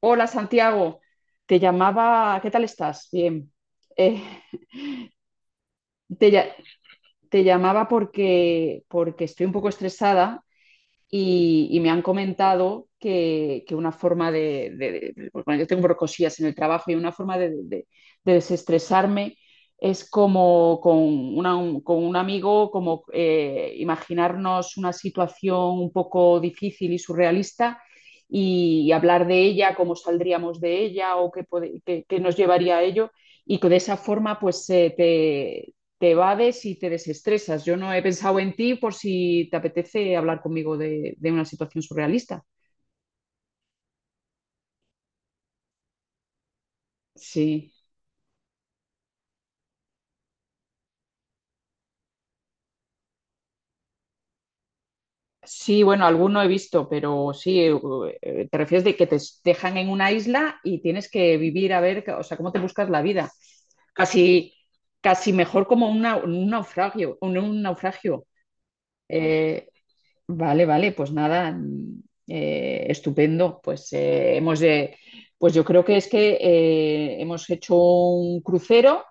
Hola Santiago, te llamaba. ¿Qué tal estás? Bien. Eh, te, lla- te llamaba porque estoy un poco estresada y me han comentado que una forma bueno, yo tengo brocosillas en el trabajo y una forma de desestresarme es como con un amigo, como imaginarnos una situación un poco difícil y surrealista y hablar de ella, cómo saldríamos de ella o qué nos llevaría a ello. Y que de esa forma, pues, te evades y te desestresas. Yo no he pensado en ti por si te apetece hablar conmigo de una situación surrealista. Sí. Sí, bueno, alguno he visto, pero sí, te refieres de que te dejan en una isla y tienes que vivir a ver, o sea, cómo te buscas la vida. Casi, casi mejor como un naufragio, un naufragio. Eh, Vale, vale, pues nada, estupendo. Pues yo creo que es que hemos hecho un crucero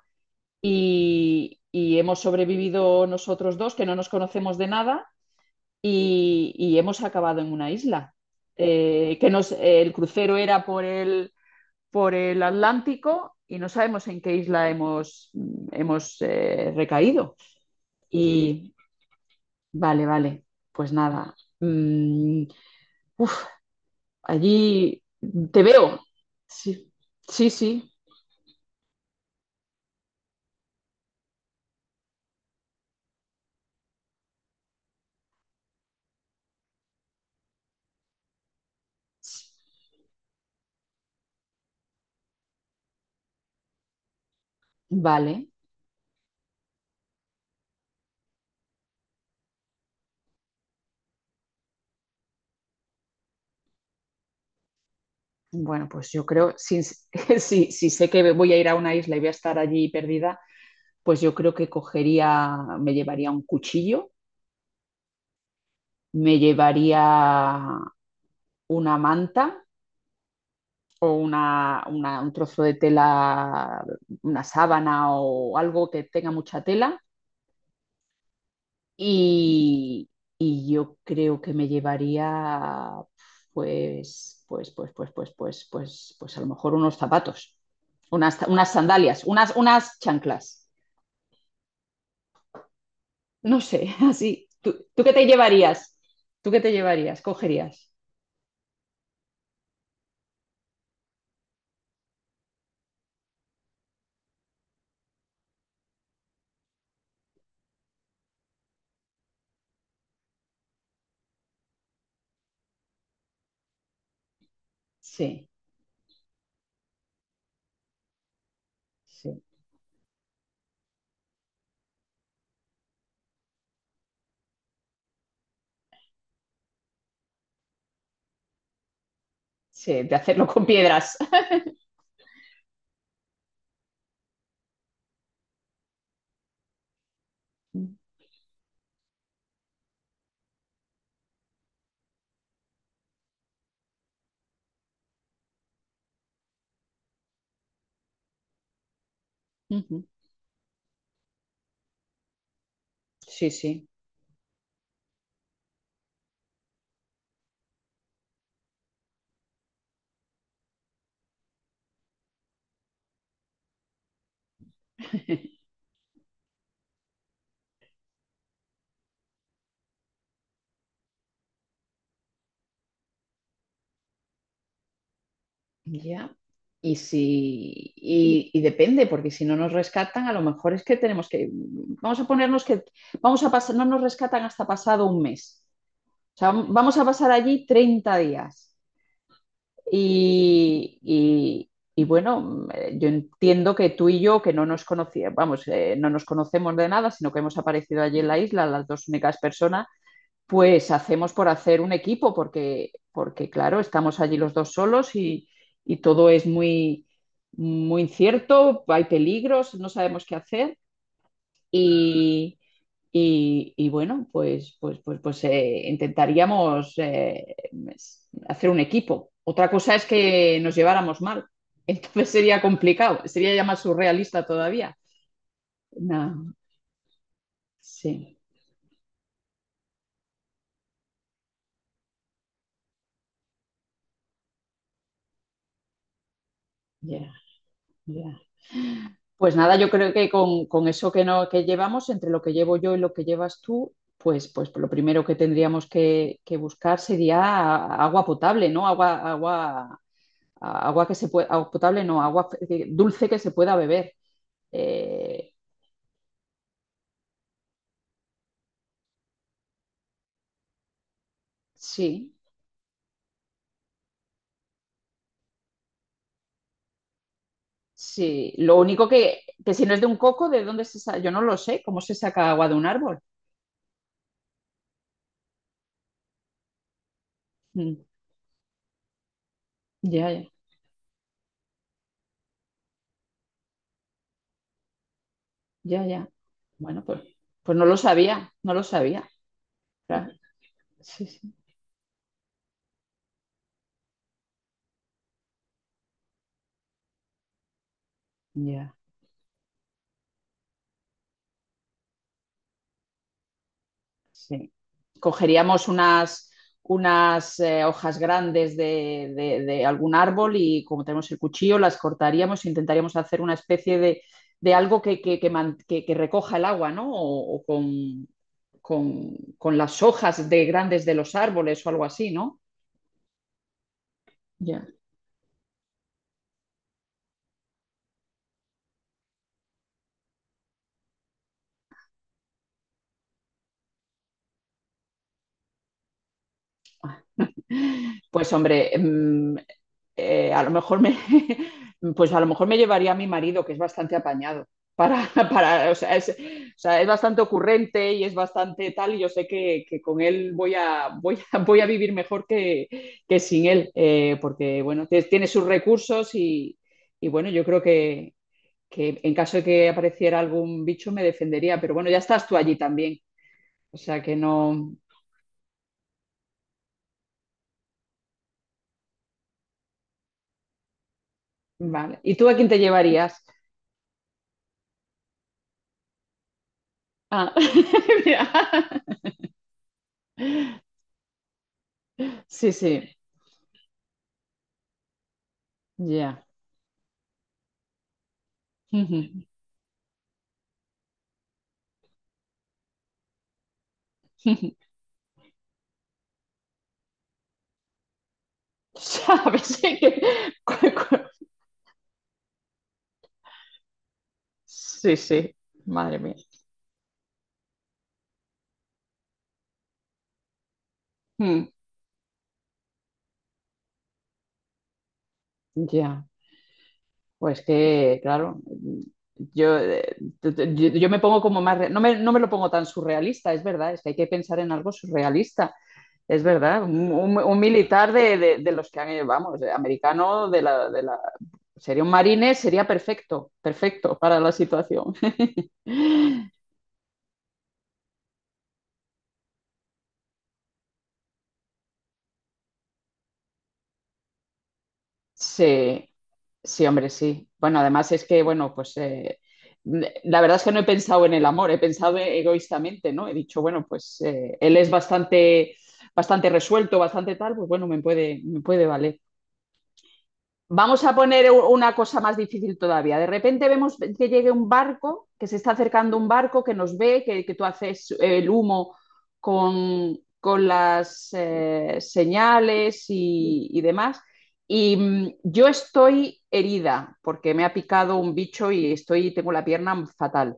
y hemos sobrevivido nosotros dos, que no nos conocemos de nada, y hemos acabado en una isla. El crucero era por el Atlántico y no sabemos en qué isla hemos recaído. Y vale, vale, pues nada. Mm, uf, Allí te veo. Sí, sí, sí. Vale. Bueno, pues yo creo, si, si sé que voy a ir a una isla y voy a estar allí perdida, pues yo creo que cogería, me llevaría un cuchillo, me llevaría una manta o un trozo de tela, una sábana o algo que tenga mucha tela. Y, y yo creo que me llevaría, pues a lo mejor unos zapatos, unas sandalias, unas chanclas. No sé, así. ¿Tú qué te llevarías? ¿Tú qué te llevarías? ¿Cogerías? Sí, sí, sí, de hacerlo con piedras. Ujú. Sí, sí. Ya. Y depende, porque si no nos rescatan, a lo mejor es que tenemos que, vamos a ponernos que, vamos a pasar, no nos rescatan hasta pasado un mes. O sea, vamos a pasar allí 30 días. Y, y- y bueno, yo entiendo que tú y yo, que no nos conocíamos, vamos, no nos conocemos de nada, sino que hemos aparecido allí en la isla, las dos únicas personas, pues hacemos por hacer un equipo, porque claro, estamos allí los dos solos y todo es muy, muy incierto, hay peligros, no sabemos qué hacer y, y bueno, pues intentaríamos hacer un equipo. Otra cosa es que nos lleváramos mal, entonces sería complicado, sería ya más surrealista todavía. No, sí, ya, yeah, ya. Yeah. Pues nada, yo creo que con eso que, no, que llevamos, entre lo que llevo yo y lo que llevas tú, pues lo primero que tendríamos que buscar sería agua potable, ¿no? Agua que se puede, agua potable, no, agua dulce que se pueda beber. Eh, sí, sí. Lo único que si no es de un coco, ¿de dónde se saca? Yo no lo sé, ¿cómo se saca agua de un árbol? Mm, ya, ya, ya, ya. Bueno, pues no lo sabía, no lo sabía. Claro. Sí, sí. Ya. Sí. Cogeríamos unas hojas grandes de algún árbol y como tenemos el cuchillo, las cortaríamos e intentaríamos hacer una especie de algo que recoja el agua, ¿no? O con las hojas de grandes de los árboles o algo así, ¿no? Ya. Pues hombre, a lo mejor me, pues a lo mejor me llevaría a mi marido, que es bastante apañado. Para, o sea, o sea, es bastante ocurrente y es bastante tal, y yo sé que con él voy a, voy a vivir mejor que sin él, porque bueno, tiene sus recursos y bueno, yo creo que en caso de que apareciera algún bicho me defendería, pero bueno, ya estás tú allí también, o sea que no, vale. ¿Y tú a quién te llevarías? Ah, mira. Sí, sí, ya. Ujú. ¿Sabes? Cu- cu- Sí, sí, madre mía. Mm, Ya, pues que, claro, yo, t- t- yo me pongo como más, no me lo pongo tan surrealista, es verdad, es que hay que pensar en algo surrealista, es verdad, un militar de los que han, vamos, americano, de la, sería un marine, sería perfecto, perfecto para la situación. Sí, sí, hombre, sí. Bueno, además es que, bueno, pues la verdad es que no he pensado en el amor, he pensado egoístamente, ¿no? He dicho, bueno, pues él es bastante, bastante resuelto, bastante tal, pues bueno, me puede valer. Vamos a poner una cosa más difícil todavía. De repente vemos que llegue un barco, que se está acercando un barco, que nos ve, que tú haces el humo con las señales y demás. Y yo estoy herida porque me ha picado un bicho y estoy, tengo la pierna fatal.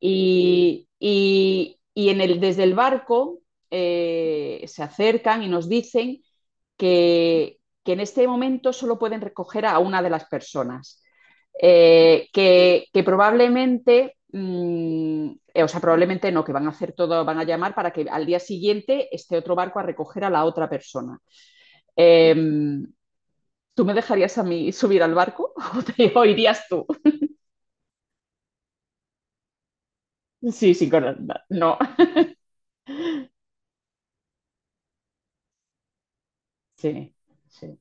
Desde el barco se acercan y nos dicen que en este momento solo pueden recoger a una de las personas. O sea, probablemente no, que van a hacer todo, van a llamar para que al día siguiente esté otro barco a recoger a la otra persona. Eh, ¿Tú me dejarías a mí subir al barco o, o irías tú? Sí, sí, con, no. Sí, sí,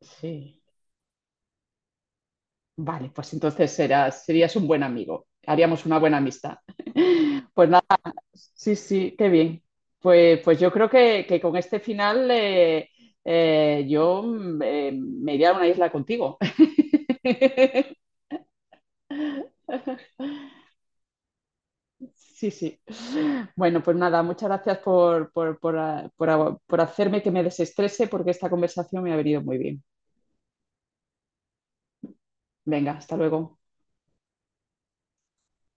sí. Vale, pues entonces serías un buen amigo. Haríamos una buena amistad. Pues nada. Sí, sí, qué bien. Pues yo creo que con este final yo me iría a una isla contigo. Sí, sí. Bueno, pues nada, muchas gracias por hacerme que me desestrese porque esta conversación me ha venido muy bien. Venga, hasta luego.